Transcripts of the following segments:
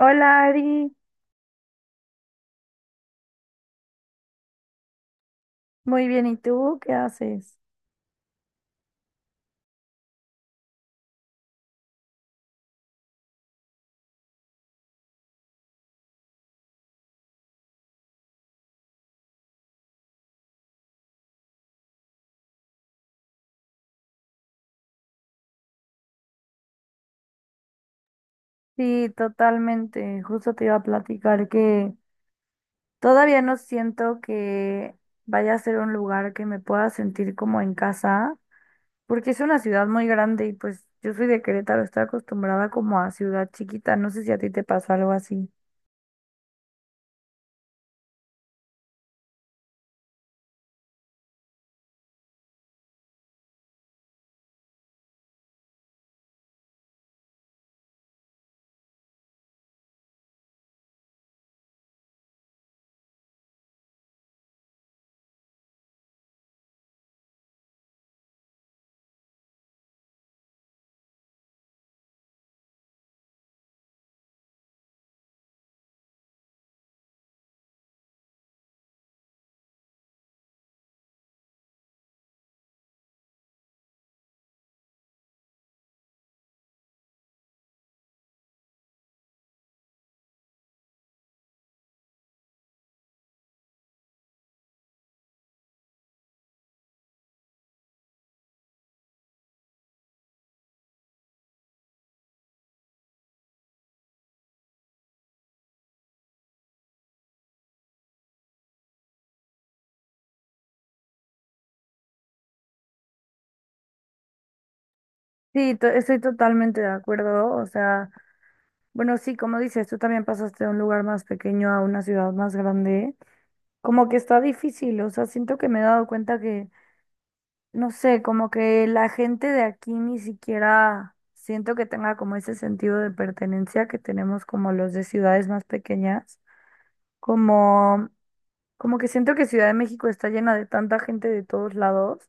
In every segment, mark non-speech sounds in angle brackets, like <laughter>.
Hola Ari, muy bien, ¿y tú qué haces? Sí, totalmente, justo te iba a platicar que todavía no siento que vaya a ser un lugar que me pueda sentir como en casa, porque es una ciudad muy grande y pues yo soy de Querétaro, estoy acostumbrada como a ciudad chiquita, no sé si a ti te pasó algo así. Sí, estoy totalmente de acuerdo, o sea, bueno, sí, como dices, tú también pasaste de un lugar más pequeño a una ciudad más grande, como que está difícil, o sea, siento que me he dado cuenta que no sé, como que la gente de aquí ni siquiera siento que tenga como ese sentido de pertenencia que tenemos como los de ciudades más pequeñas, como, como que siento que Ciudad de México está llena de tanta gente de todos lados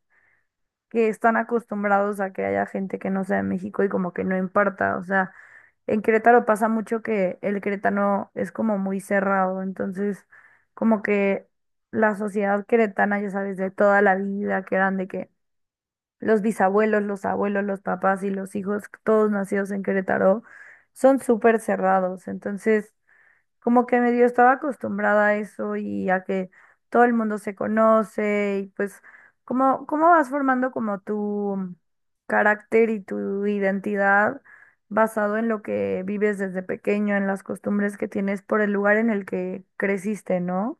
que están acostumbrados a que haya gente que no sea de México y como que no importa, o sea, en Querétaro pasa mucho que el queretano es como muy cerrado, entonces como que la sociedad queretana, ya sabes, de toda la vida, que eran de que los bisabuelos, los abuelos, los papás y los hijos, todos nacidos en Querétaro, son súper cerrados. Entonces, como que medio estaba acostumbrada a eso y a que todo el mundo se conoce y pues, ¿cómo, cómo vas formando como tu carácter y tu identidad basado en lo que vives desde pequeño, en las costumbres que tienes por el lugar en el que creciste, ¿no?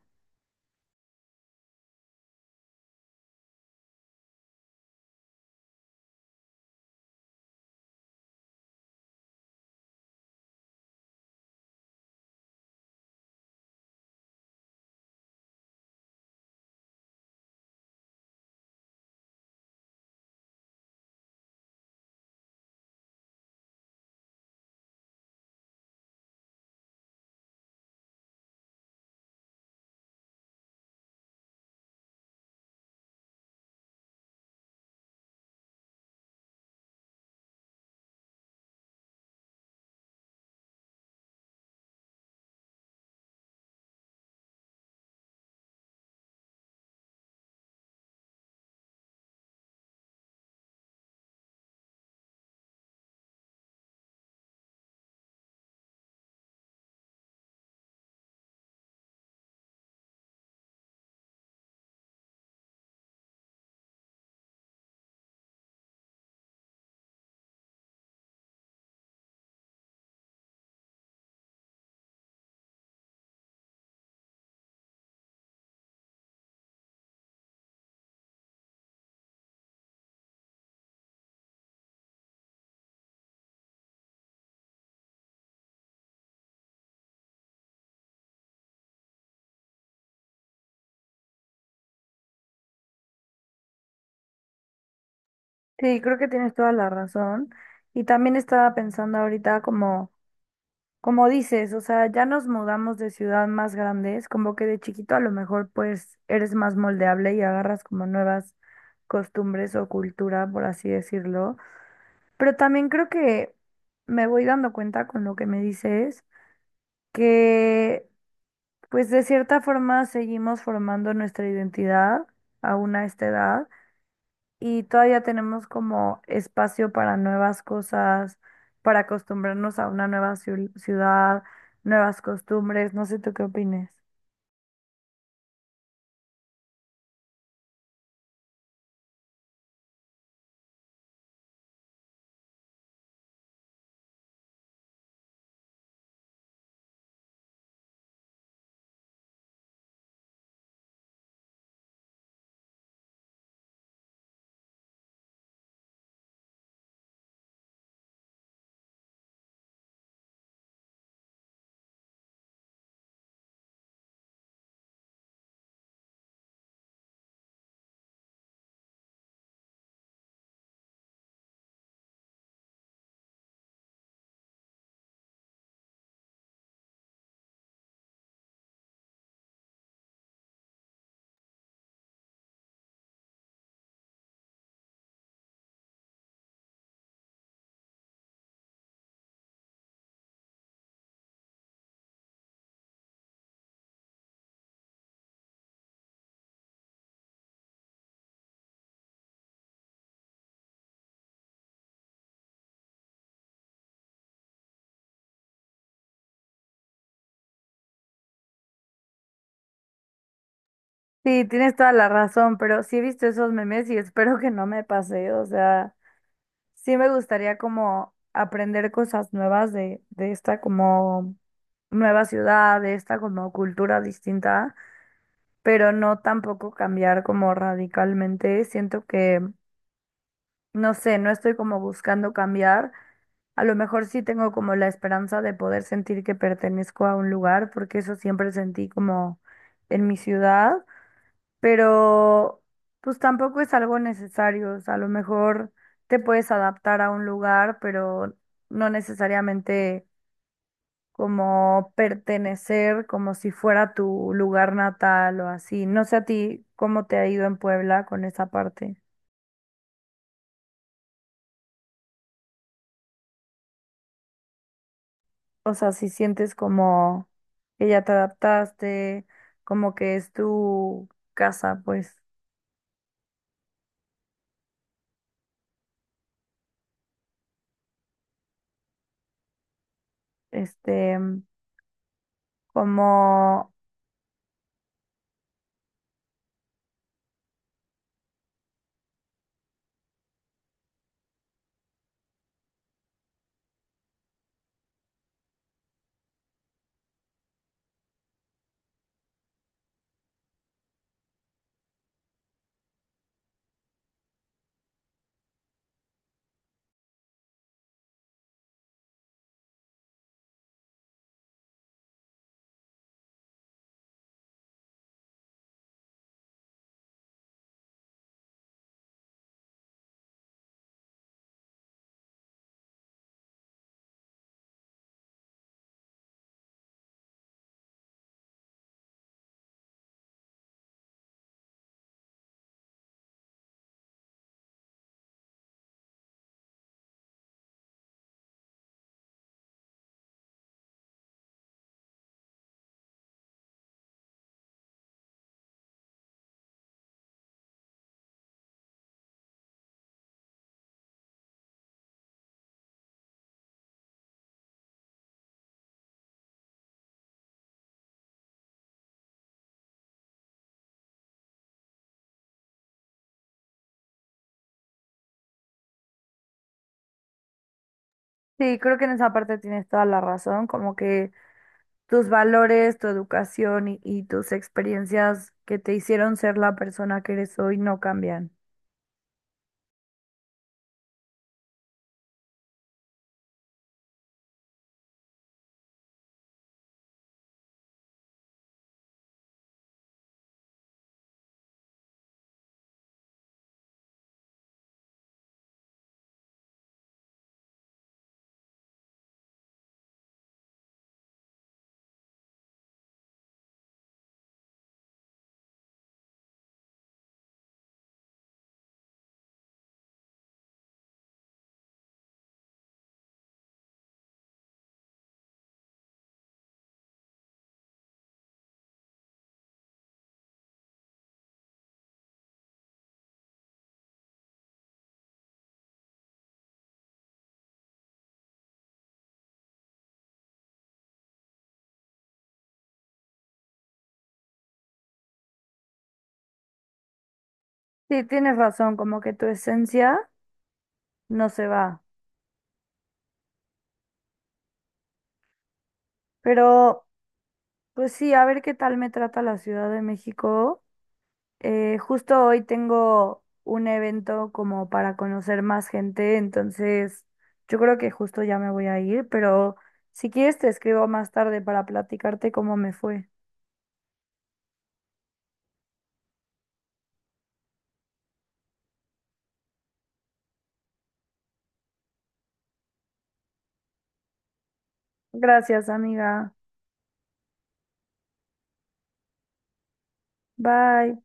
Sí, creo que tienes toda la razón. Y también estaba pensando ahorita como... Como dices, o sea, ya nos mudamos de ciudad más grandes, como que de chiquito a lo mejor pues eres más moldeable y agarras como nuevas costumbres o cultura, por así decirlo. Pero también creo que me voy dando cuenta con lo que me dices, que pues de cierta forma seguimos formando nuestra identidad aún a esta edad y todavía tenemos como espacio para nuevas cosas, para acostumbrarnos a una nueva ciudad, nuevas costumbres, no sé tú qué opines. Sí, tienes toda la razón, pero sí he visto esos memes y <laughs> espero que no me pase, o sea, sí me gustaría como aprender cosas nuevas de esta como nueva ciudad, de esta como cultura distinta, pero no tampoco cambiar como radicalmente, siento que, no sé, no estoy como buscando cambiar. A lo mejor sí tengo como la esperanza de poder sentir que pertenezco a un lugar, porque eso siempre sentí como en mi ciudad, pero pues tampoco es algo necesario. O sea, a lo mejor te puedes adaptar a un lugar, pero no necesariamente como pertenecer, como si fuera tu lugar natal o así. No sé a ti cómo te ha ido en Puebla con esa parte. O sea, si sientes como que ya te adaptaste, como que es tu casa, pues, este, como, sí, creo que en esa parte tienes toda la razón, como que tus valores, tu educación y tus experiencias que te hicieron ser la persona que eres hoy no cambian. Sí, tienes razón, como que tu esencia no se va. Pero, pues sí, a ver qué tal me trata la Ciudad de México. Justo hoy tengo un evento como para conocer más gente, entonces yo creo que justo ya me voy a ir, pero si quieres te escribo más tarde para platicarte cómo me fue. Gracias, amiga. Bye.